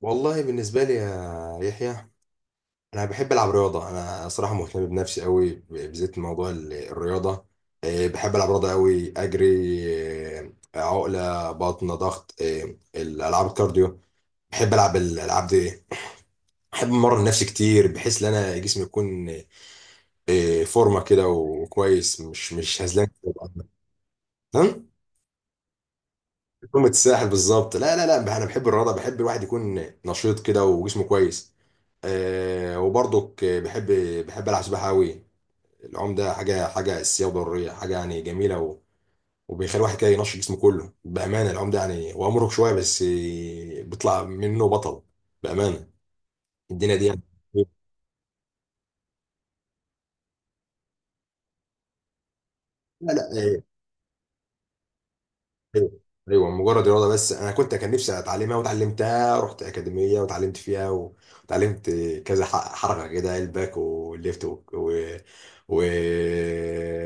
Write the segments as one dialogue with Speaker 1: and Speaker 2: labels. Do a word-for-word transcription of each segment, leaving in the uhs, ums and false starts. Speaker 1: والله بالنسبة لي يا يحيى، أنا بحب ألعب رياضة. أنا صراحة مهتم بنفسي قوي، ب- بالذات موضوع ال- الرياضة. إيه، بحب ألعب رياضة قوي، أجري، إيه، عقلة بطن ضغط، إيه، الألعاب الكارديو. بحب ألعب الألعاب دي، بحب أمرن نفسي كتير بحيث إن أنا جسمي يكون إيه، فورمة كده وكويس، مش مش هزلان كده. قمة الساحل بالظبط. لا لا لا، انا بحب الرياضه، بحب الواحد يكون نشيط كده وجسمه كويس. آه، وبرضك بحب بحب العب سباحه قوي. العوم ده حاجه حاجه اساسيه وضروريه، حاجه يعني جميله، و... وبيخلي الواحد كده ينشط جسمه كله بامانه. العوم ده يعني هو مرهق شويه، بس آه، بيطلع منه بطل بامانه، الدنيا دي يعني. لا لا، آه، ايوه ايوه، مجرد رياضه بس. انا كنت، كان نفسي اتعلمها وتعلمتها، رحت اكاديميه وتعلمت فيها، و- وتعلمت كذا ح- حركه كده: الباك والليفت و... و... و...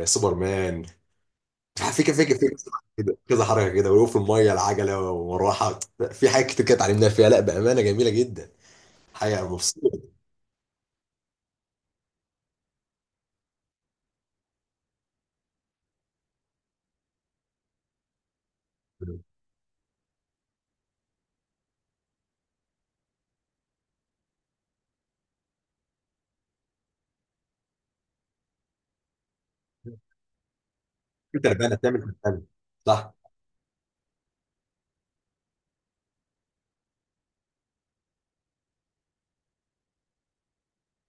Speaker 1: سوبرمان. في كده في كده في كده كذا حركه كده، ولو في الميه العجله والمروحه. في حاجات كتير كده اتعلمناها فيها، لا بامانه جميله جدا حاجه، مبسوط. في تربانه، بتعمل تربانه. صح.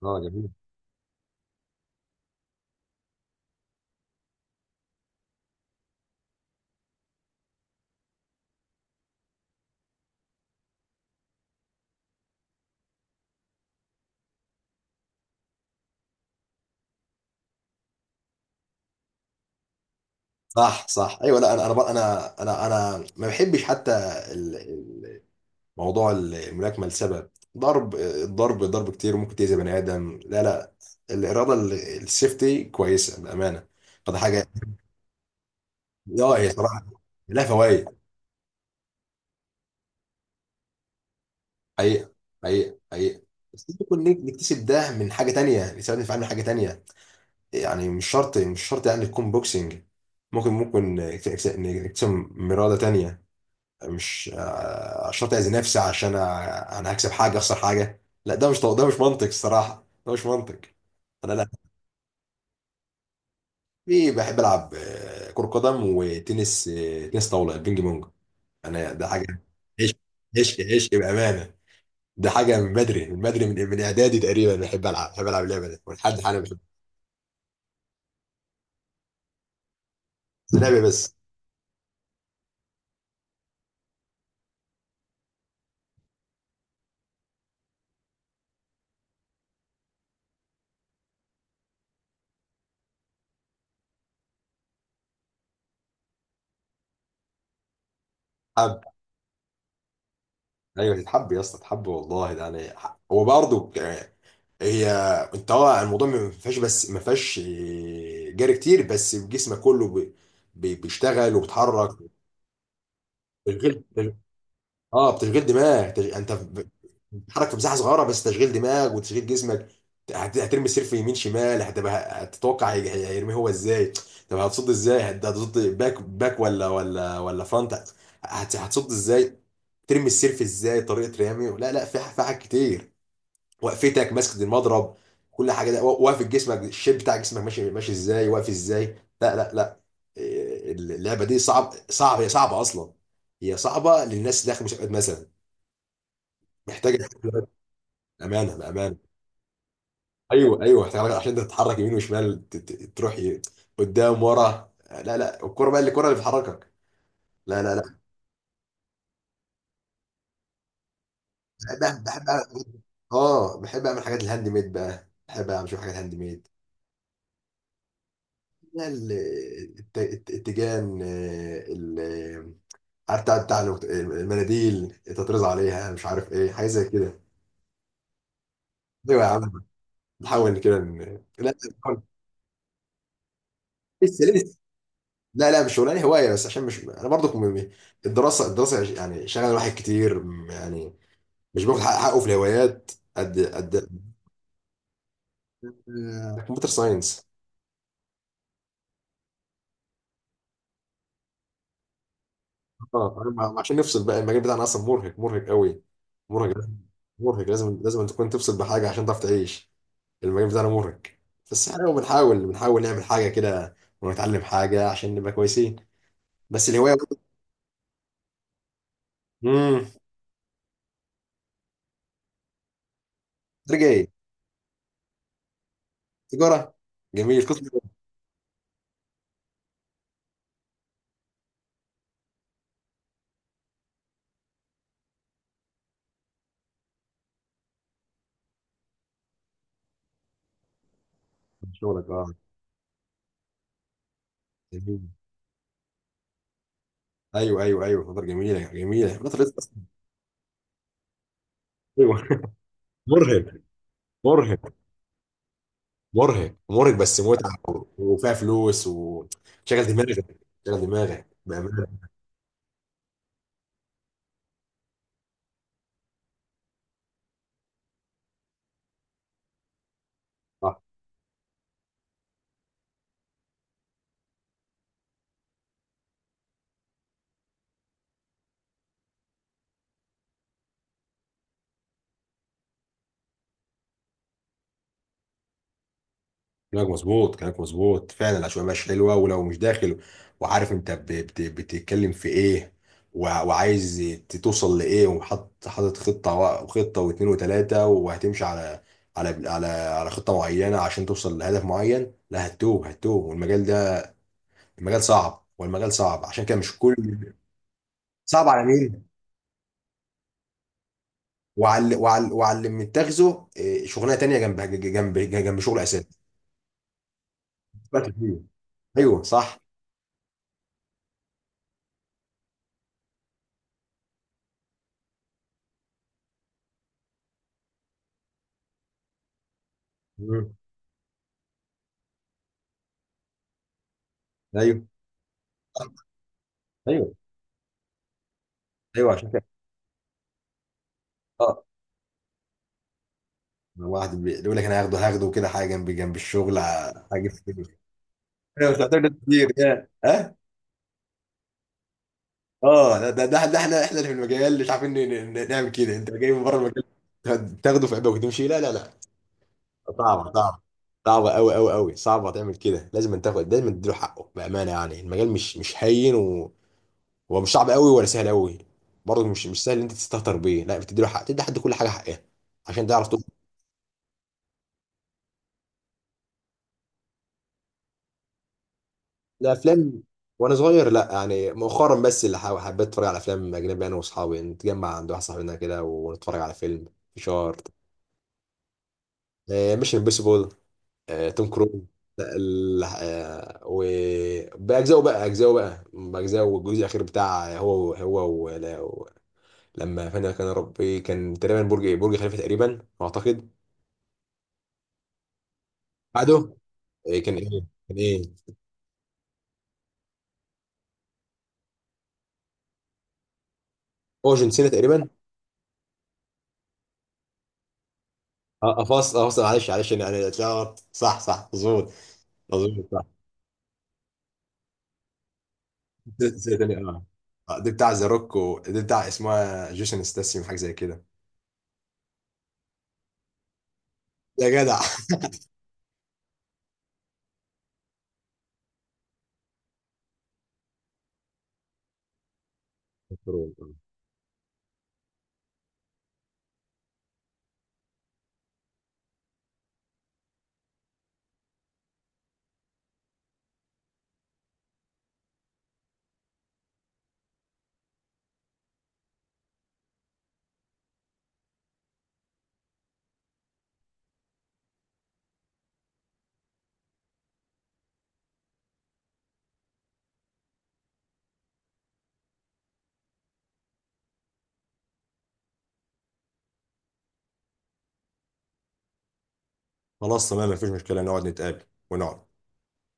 Speaker 1: اه جميل. صح صح، ايوه. لا انا انا انا انا انا ما بحبش حتى موضوع الملاكمه، لسبب ضرب. الضرب ضرب كتير ممكن تأذي بني ادم. لا لا، الاراده، ال- السيفتي كويسه بامانه، فده حاجه. اه هي صراحه لها فوائد، حقيقه حقيقه حقيقه. بس ممكن نك- نكتسب ده من حاجه تانية، نستفاد من فعلا حاجه تانية. يعني مش شرط مش شرط يعني تكون بوكسنج، ممكن ممكن نكتسب نكتسب من اراده تانية. مش آه، شرط اذي نفسي عشان انا، أنا هكسب حاجه اخسر حاجه. لا ده مش، ده مش منطق الصراحه، ده مش منطق. انا لا. في بحب العب آه، كرة قدم وتنس، آه، تنس طاولة بينج بونج. انا ده حاجة عشق، عشق عشق بأمانة. ده حاجة من بدري، من بدري، من من اعدادي تقريبا. بحب العب، بحب العب اللعبة دي ولحد حالا بحب. لعبة، بس. حب. ايوه، تتحب يا اسطى، تحب والله. ده انا ح- هو برضه، آه، هي، انت، اه، الموضوع ما فيهاش، بس ما فيهاش آه، جري كتير، بس جسمك كله بي- بي- بيشتغل وبتحرك. تشغيل، اه بتشغيل دماغ. تش... انت ب- بتتحرك في مساحه صغيره، بس تشغيل دماغ وتشغيل جسمك. هت... هترمي السير في يمين شمال، هتبقى هتتوقع هي- هي- هيرميه هو ازاي. طب هتصد ازاي؟ هت- هتصد باك باك ولا ولا ولا فرونت. هت... هتصد ازاي، ترمي السير في ازاي، طريقه رمي. لا لا في ح- في حاجات كتير. وقفتك ماسكه المضرب، كل حاجه ده، و- واقف جسمك، الشيب بتاع جسمك ماشي، ماشي ازاي، واقف ازاي. لا لا لا، إيه، اللعبه دي صعب صعب، هي صعبه اصلا، هي صعبه للناس اللي داخل مسابقات مثلا، محتاج استثمارات امانه بامانه. ايوه ايوه محتاج، عشان انت تتحرك يمين وشمال، ت- ت- تروح ي- قدام ورا. لا لا، الكوره بقى اللي الكوره اللي بتحركك. لا لا لا. بحب بحب أعمل- اه بحب اعمل حاجات الهاند ميد بقى، بحب اعمل شويه حاجات هاند ميد. لا ال- الت- الت- التيجان، آه، ال- عارف، بتاع بتاع الوقت- المناديل تطرز عليها، مش عارف ايه، حاجه زي كده. ايوه يا عم. نحاول كده، ن- لا. لسه لسه. لا لا مش شغلانه، هوايه بس، عشان مش انا برضو م- م- الدراسه، الدراسه يعني شغل الواحد كتير، م- يعني مش باخد حق- حقه في الهوايات قد قد. كمبيوتر ساينس. اه أنا عشان نفصل بقى، المجال بتاعنا اصلا مرهق، مرهق قوي. مرهق. مرهق، لازم لازم تكون تفصل بحاجه عشان تعرف تعيش. المجال بتاعنا مرهق، بس احنا بنحاول بنحاول نعمل حاجه كده ونتعلم حاجه عشان نبقى كويسين. بس الهوايه برضو... امم ترجع ايه؟ تجاره، جميل قسم. شغلك، اه، جميل. ايوه ايوه ايوه، فتره جميله، جميله فتره، رزق أصلاً. ايوه مرهق مرهق. مرهق مرهق بس متعه، و- وفيها فلوس وشغل دماغك، شغل دماغك بامانه. صح. كلامك مظبوط، كلامك مظبوط فعلا. العشوائيه مش حلوه، ولو مش داخل وعارف انت ب- بت- بتتكلم في ايه، وع- وعايز ت- توصل لايه، وحاطط، حاطط خطه و- وخطه واثنين وثلاثه، وهتمشي على على على على خطه معينه عشان توصل لهدف معين. لا هتوه، هتوه. والمجال ده، المجال صعب، والمجال صعب، عشان كده مش كل... صعب على مين؟ وعلى وعلى وعلى اللي متاخذه إيه، شغلانه تانية جنب جنب جنب شغل اساسي، وقت كتير. ايوه صح. مم. ايوه ايوه ايوه، عشان كده، اه. واحد بي- بيقول لك انا هاخده، هاخده كده حاجه جنب جنب الشغل، ع- حاجه كتير. انا مش محتاج ناس كتير، يا، اه. اه ده ده ده ده احنا احنا اللي في المجال مش عارفين ن- ن- نعمل كده، انت جاي من بره المجال تاخده في عبء وتمشي؟ لا لا لا. صعبة صعبة. صعبة أوي أوي أوي، صعبة تعمل كده، لازم تاخد، لازم تديله حقه بأمانة، يعني المجال مش مش هين، و... هو مش صعب أوي ولا سهل أوي، برضه مش مش سهل إن أنت تستهتر بيه. لا، بتديله حق، تدي حد كل حاجة حقها عشان تعرف تخرج. الأفلام وأنا صغير، لا. يعني مؤخرا بس اللي حا- حبيت أتفرج على أفلام أجنبي، أنا وأصحابي نتجمع عند واحد صاحبنا كده ونتفرج على فيلم فشار. مش امبوسيبل، آه، توم كروز. لا، ال- آه، وبأجزائه بقى، أجزائه بقى بأجزائه. والجزء الأخير بتاع، هو هو ولا- و... لما فانا كان ربي، كان تقريبا برج إيه، برج خليفة تقريبا أعتقد. بعده آه، كان إيه؟ كان إيه هو جون سينا تقريبا. اه افصل افصل، معلش معلش، انا أنا اتلخبط. صح صح، مظبوط، مظبوط صح. سنة تانية، اه، آه، دي بتاع ذا روك، ودي بتاع اسمها جيسون ستاسيوم، حاجة زي كده. يا جدع خلاص تمام، مفيش مشكلة، نقعد نتقابل ونقعد.